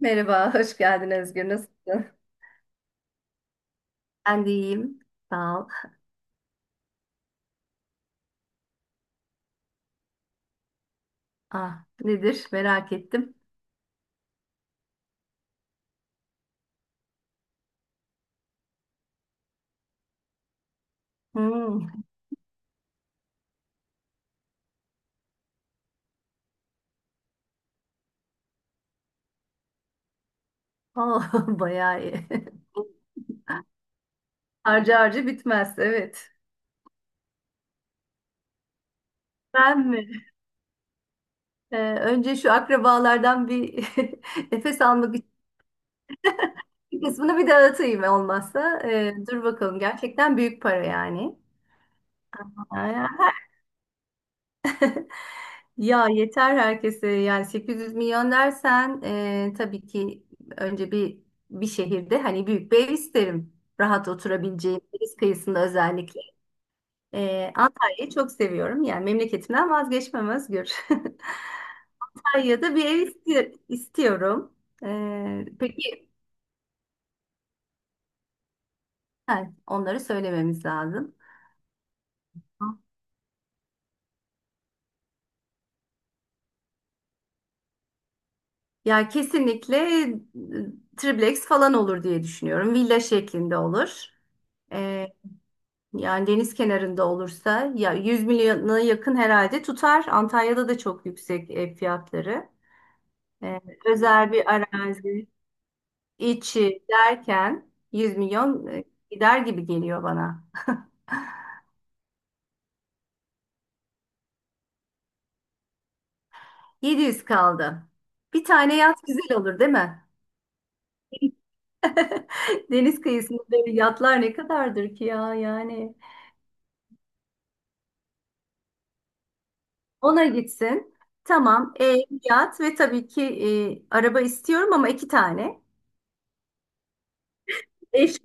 Merhaba, hoş geldin Özgür. Nasılsın? Ben de iyiyim. Sağ ol. Ah, nedir? Merak ettim. Hmm. Oh, bayağı iyi. Harcı harcı bitmez, evet. Ben mi? Önce şu akrabalardan bir nefes almak için bir kısmını bir dağıtayım olmazsa. Dur bakalım, gerçekten büyük para yani. Ya yeter herkese yani 800 milyon dersen tabii ki önce bir şehirde hani büyük bir ev isterim. Rahat oturabileceğim deniz kıyısında özellikle. Antalya'yı çok seviyorum. Yani memleketimden vazgeçmem Özgür. Antalya'da bir ev istiyorum Peki, onları söylememiz lazım. Ya kesinlikle triplex falan olur diye düşünüyorum. Villa şeklinde olur. Yani deniz kenarında olursa ya 100 milyona yakın herhalde tutar. Antalya'da da çok yüksek ev fiyatları. Ee, Özel bir arazi içi derken yüz milyon gider gibi geliyor bana. 700 kaldı. Bir tane yat güzel olur değil mi? Deniz kıyısında böyle yatlar ne kadardır ki ya yani. Ona gitsin. Tamam, ev, yat ve tabii ki araba istiyorum ama iki tane. Eş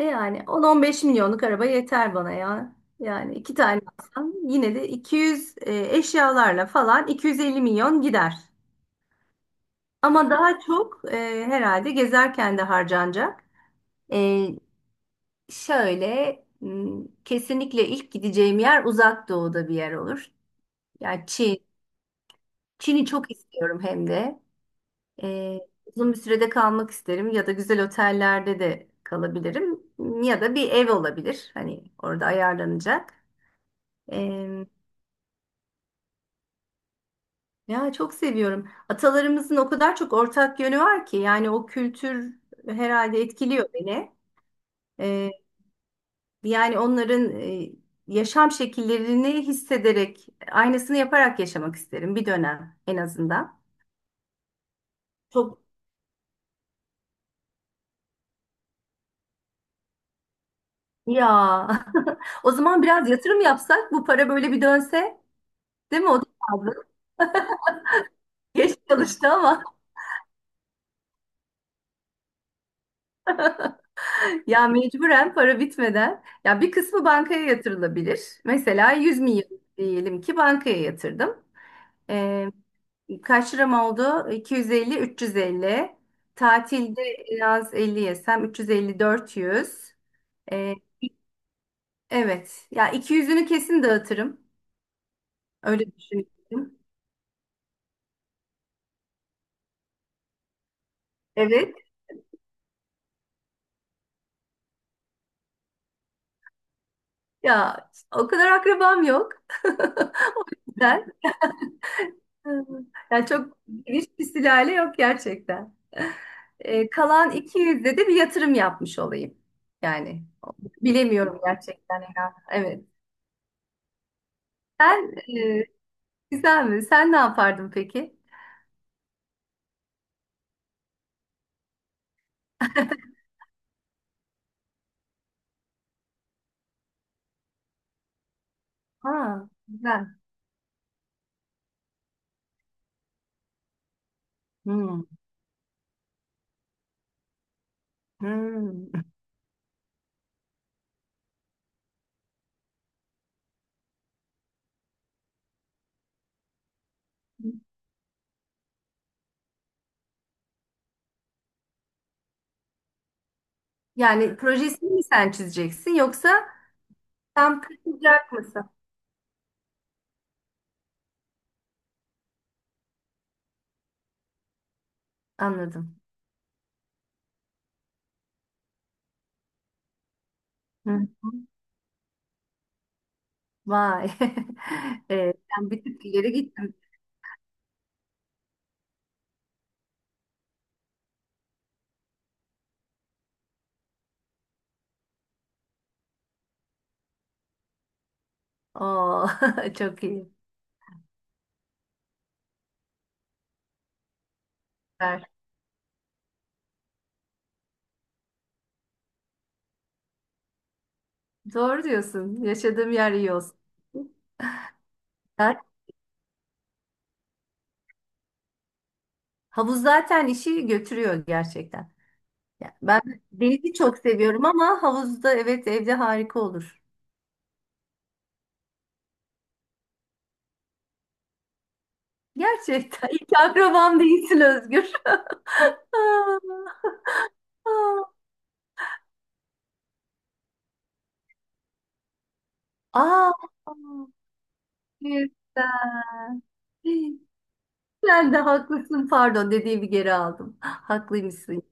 E Yani 10-15 milyonluk araba yeter bana ya. Yani iki tane alsam yine de 200, eşyalarla falan 250 milyon gider. Ama daha çok herhalde gezerken de harcanacak. E, şöyle, kesinlikle ilk gideceğim yer uzak doğuda bir yer olur. Yani Çin. Çin'i çok istiyorum hem de. E, Uzun bir sürede kalmak isterim ya da güzel otellerde de kalabilirim ya da bir ev olabilir. Hani orada ayarlanacak. Ya çok seviyorum. Atalarımızın o kadar çok ortak yönü var ki yani o kültür herhalde etkiliyor beni. Ee, Yani onların yaşam şekillerini hissederek aynısını yaparak yaşamak isterim bir dönem en azından. Çok ya, o zaman biraz yatırım yapsak bu para böyle bir dönse değil mi? O da fazla. Geç çalıştı ama ya mecburen para bitmeden ya bir kısmı bankaya yatırılabilir. Mesela 100 milyon diyelim ki bankaya yatırdım. Ee, Kaç liram oldu? 250, 350. Tatilde biraz 50 yesem 350, 400. Ee, evet. Ya 200'ünü kesin dağıtırım. Öyle düşünüyorum. Evet. Ya o kadar akrabam yok. Ben. Yani çok geniş bir sülale yok gerçekten. Kalan 200'de de bir yatırım yapmış olayım. Yani bilemiyorum gerçekten, ya. Evet. Sen, güzel mi? Sen ne yapardın peki? Ha, güzel. Hmm, hmm. Yani projesini mi sen çizeceksin yoksa tam takılacak mısın? Anladım. Hı hı. Vay. Sen bir tık ileri gittim. Oo, çok iyi. Süper. Doğru diyorsun. Yaşadığım yer iyi olsun. Ha, havuz zaten işi götürüyor gerçekten. Ya, ben denizi çok seviyorum ama havuzda, evet, evde harika olur. Gerçekten. İlk akrabam değilsin Özgür. Aa, aa, güzel. Sen de haklısın. Pardon dediğimi geri aldım. Haklıymışsın.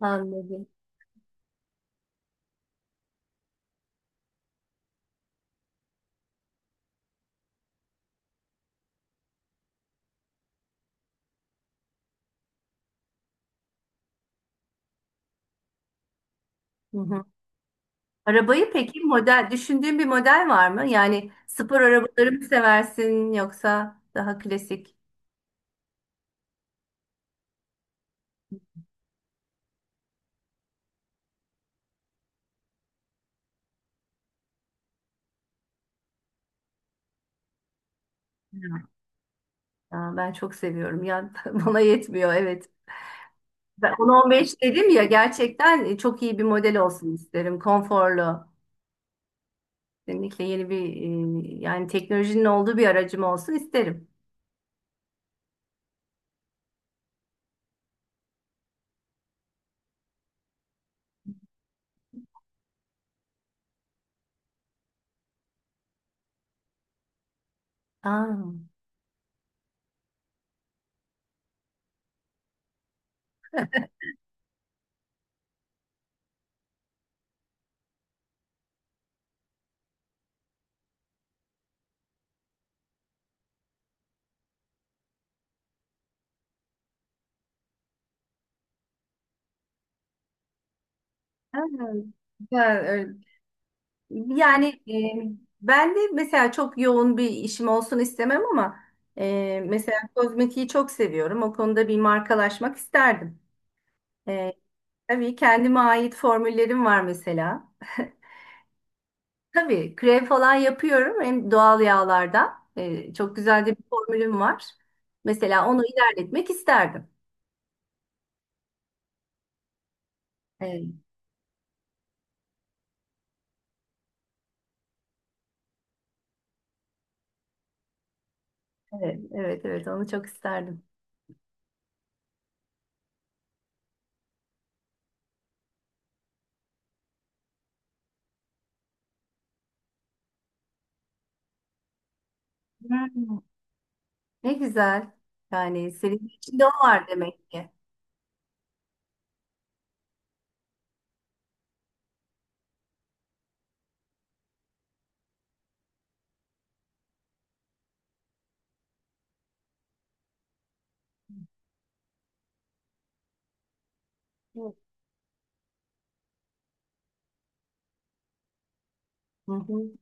Anladım. Hı hı. Arabayı peki, model, düşündüğün bir model var mı? Yani spor arabaları mı seversin yoksa daha klasik? Aa, ben çok seviyorum. Yani bana yetmiyor, evet. Ben 10-15 dedim ya, gerçekten çok iyi bir model olsun isterim. Konforlu. Kesinlikle yeni bir, yani teknolojinin olduğu bir aracım olsun isterim. Aa. Ha, ben öyle- Yani, ben de mesela çok yoğun bir işim olsun istemem ama mesela kozmetiği çok seviyorum. O konuda bir markalaşmak isterdim. E, tabii kendime ait formüllerim var mesela. Tabii krem falan yapıyorum hem doğal yağlardan. Çok güzel de bir formülüm var. Mesela onu ilerletmek isterdim. Evet, evet, evet, evet, onu çok isterdim. Hmm, ne güzel. Yani senin içinde o var demek ki. Hı hı.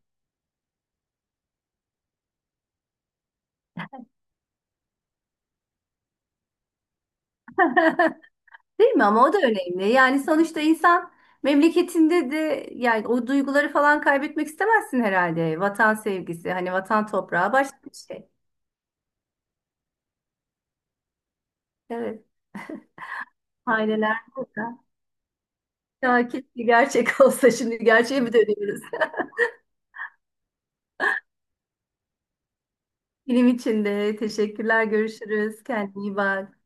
Değil mi? Ama o da önemli. Yani sonuçta insan memleketinde de yani o duyguları falan kaybetmek istemezsin herhalde. Vatan sevgisi, hani vatan toprağı başka bir şey. Evet. Aileler burada. Ya keşke gerçek olsa, şimdi gerçeğe mi dönüyoruz? Benim için de teşekkürler. Görüşürüz. Kendine iyi bak.